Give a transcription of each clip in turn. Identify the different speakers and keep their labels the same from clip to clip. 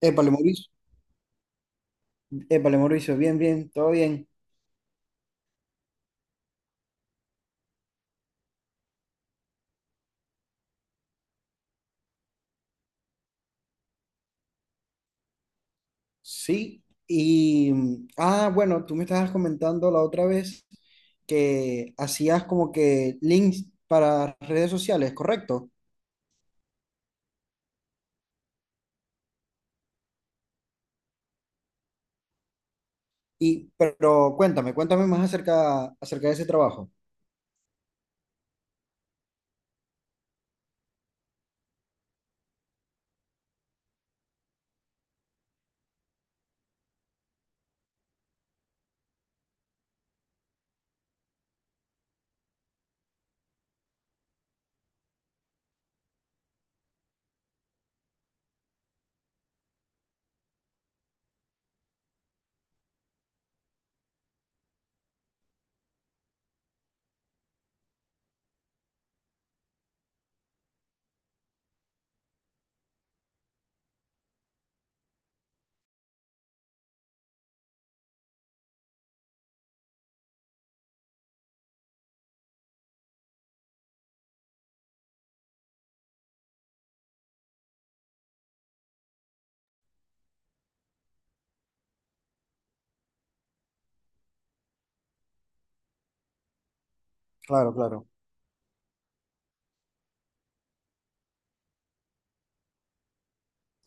Speaker 1: Épale, Mauricio. Épale, Mauricio. Bien, bien, todo bien. Sí. Bueno, tú me estabas comentando la otra vez que hacías como que links para redes sociales, ¿correcto? Y pero cuéntame, cuéntame más acerca de ese trabajo. Claro, claro.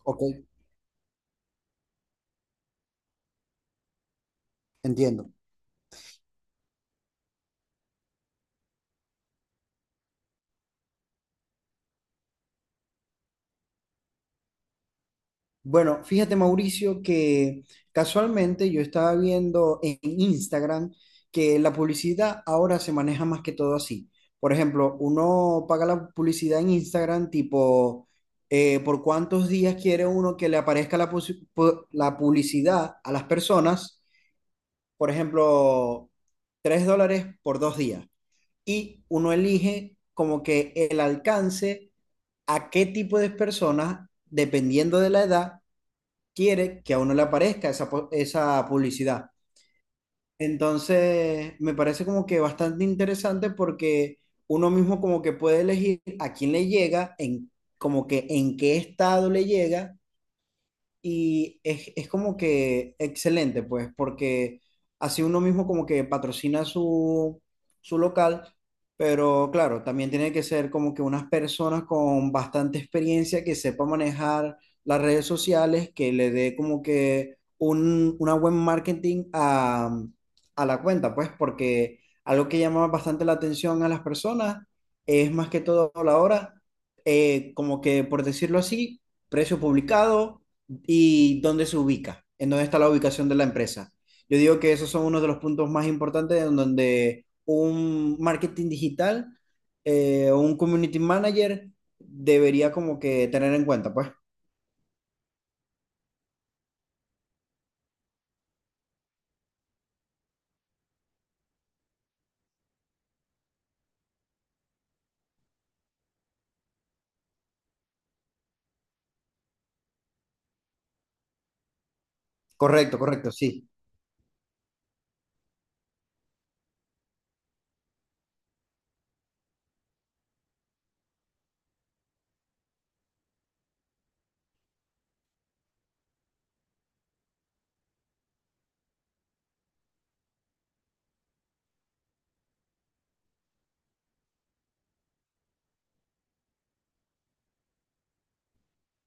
Speaker 1: Ok, entiendo. Bueno, fíjate, Mauricio, que casualmente yo estaba viendo en Instagram que la publicidad ahora se maneja más que todo así. Por ejemplo, uno paga la publicidad en Instagram tipo por cuántos días quiere uno que le aparezca la publicidad a las personas. Por ejemplo, $3 por 2 días. Y uno elige como que el alcance a qué tipo de personas, dependiendo de la edad quiere que a uno le aparezca esa publicidad. Entonces, me parece como que bastante interesante porque uno mismo como que puede elegir a quién le llega, en como que en qué estado le llega y es como que excelente, pues, porque así uno mismo como que patrocina su, su local, pero claro, también tiene que ser como que unas personas con bastante experiencia que sepa manejar las redes sociales, que le dé como que un, una buen marketing a la cuenta, pues, porque algo que llama bastante la atención a las personas es más que todo la hora, como que por decirlo así, precio publicado y dónde se ubica, en dónde está la ubicación de la empresa. Yo digo que esos son uno de los puntos más importantes en donde un marketing digital o un community manager debería como que tener en cuenta, pues. Correcto, correcto, sí.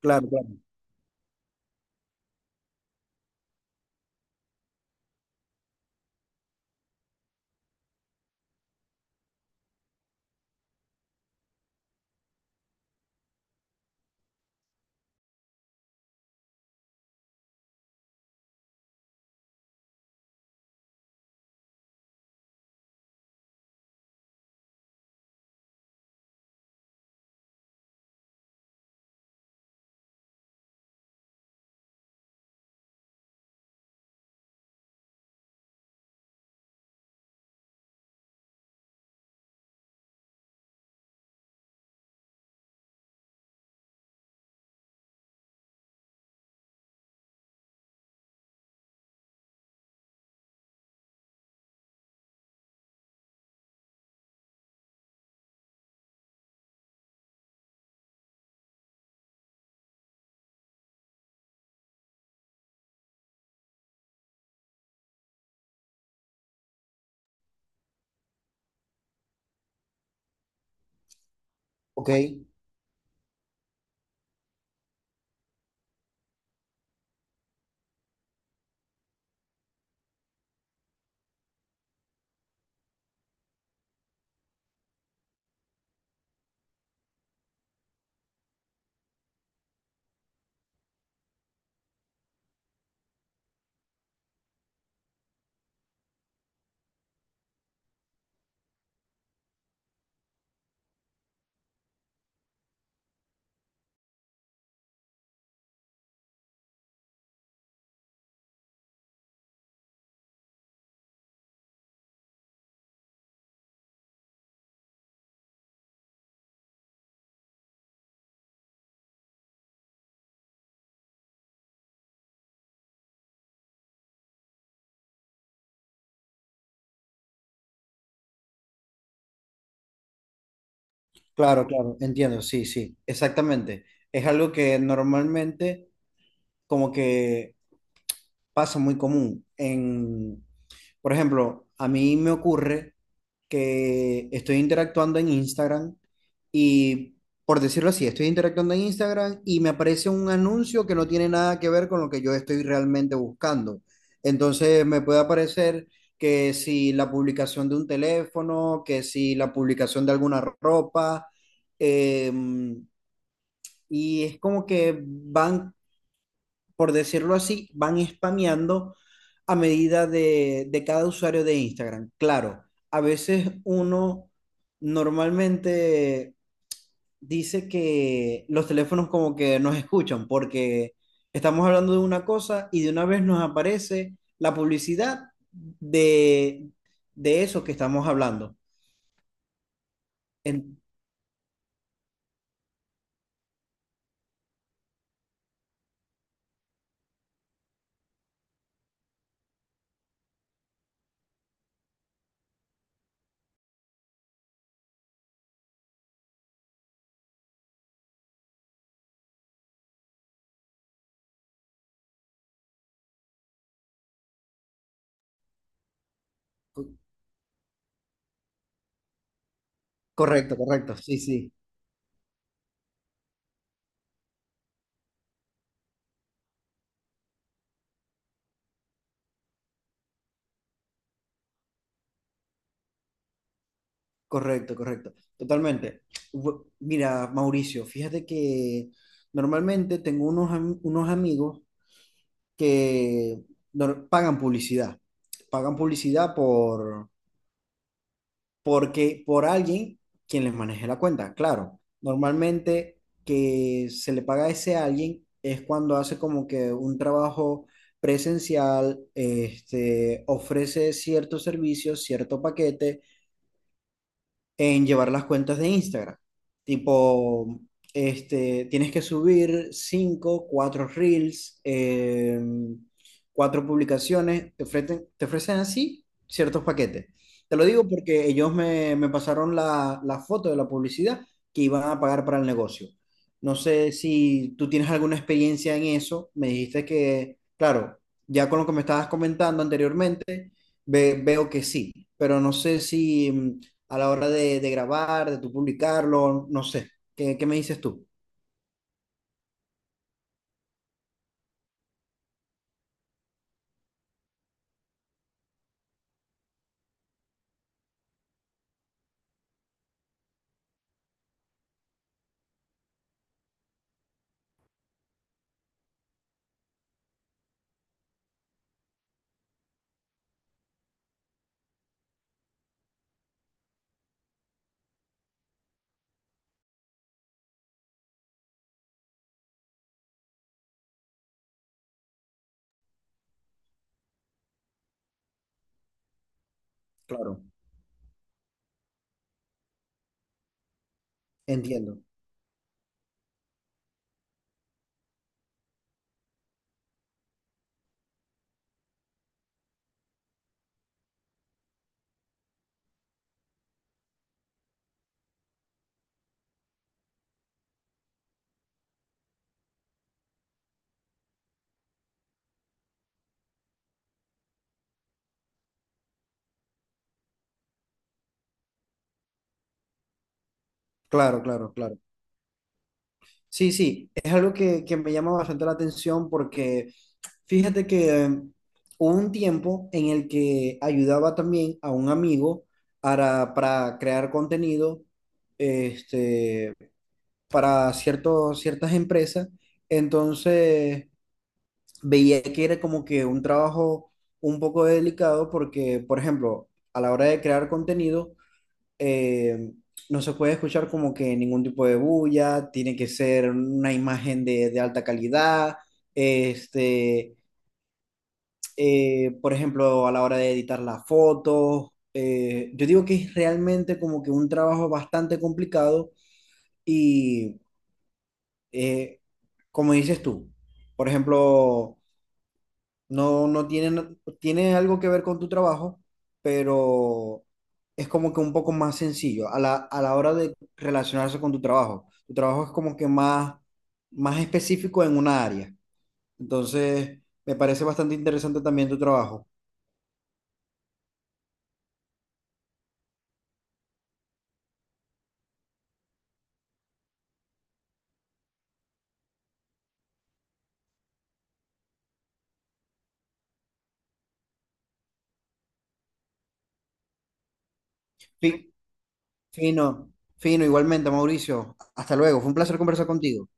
Speaker 1: Claro, claro. Ok, claro, claro, entiendo, sí, sí, exactamente. Es algo que normalmente como que pasa muy común en, por ejemplo, a mí me ocurre que estoy interactuando en Instagram y, por decirlo así, estoy interactuando en Instagram y me aparece un anuncio que no tiene nada que ver con lo que yo estoy realmente buscando. Entonces me puede aparecer que si la publicación de un teléfono, que si la publicación de alguna ropa, em, y es como que van por decirlo así, van spameando a medida de cada usuario de Instagram. Claro, a veces uno normalmente dice que los teléfonos como que nos escuchan porque estamos hablando de una cosa y de una vez nos aparece la publicidad de, de eso que estamos hablando. En- Correcto, correcto, sí, sí. Correcto, correcto. Totalmente. Mira, Mauricio, fíjate que normalmente tengo unos amigos que pagan publicidad. Pagan publicidad por alguien quien les maneje la cuenta. Claro, normalmente que se le paga a ese alguien es cuando hace como que un trabajo presencial, este, ofrece ciertos servicios, cierto paquete en llevar las cuentas de Instagram. Tipo, este, tienes que subir 5 4 reels, 4 publicaciones, te ofrecen así ciertos paquetes. Te lo digo porque ellos me pasaron la foto de la publicidad que iban a pagar para el negocio. No sé si tú tienes alguna experiencia en eso. Me dijiste que, claro, ya con lo que me estabas comentando anteriormente, veo que sí, pero no sé si a la hora de grabar, de tú publicarlo, no sé. ¿Qué, qué me dices tú? Claro, entiendo. Claro, claro, claro. Sí, sí, es algo que me llama bastante la atención porque fíjate que hubo un tiempo en el que ayudaba también a un amigo para crear contenido este, para ciertos, ciertas empresas. Entonces, veía que era como que un trabajo un poco delicado porque, por ejemplo, a la hora de crear contenido, eh, no se puede escuchar como que ningún tipo de bulla, tiene que ser una imagen de alta calidad, este, por ejemplo, a la hora de editar las fotos. Yo digo que es realmente como que un trabajo bastante complicado y, eh, como dices tú, por ejemplo, no, no tiene, no, tiene algo que ver con tu trabajo, pero es como que un poco más sencillo a la hora de relacionarse con tu trabajo. Tu trabajo es como que más, más específico en una área. Entonces, me parece bastante interesante también tu trabajo. Fi- Fino, fino, igualmente, Mauricio. Hasta luego. Fue un placer conversar contigo.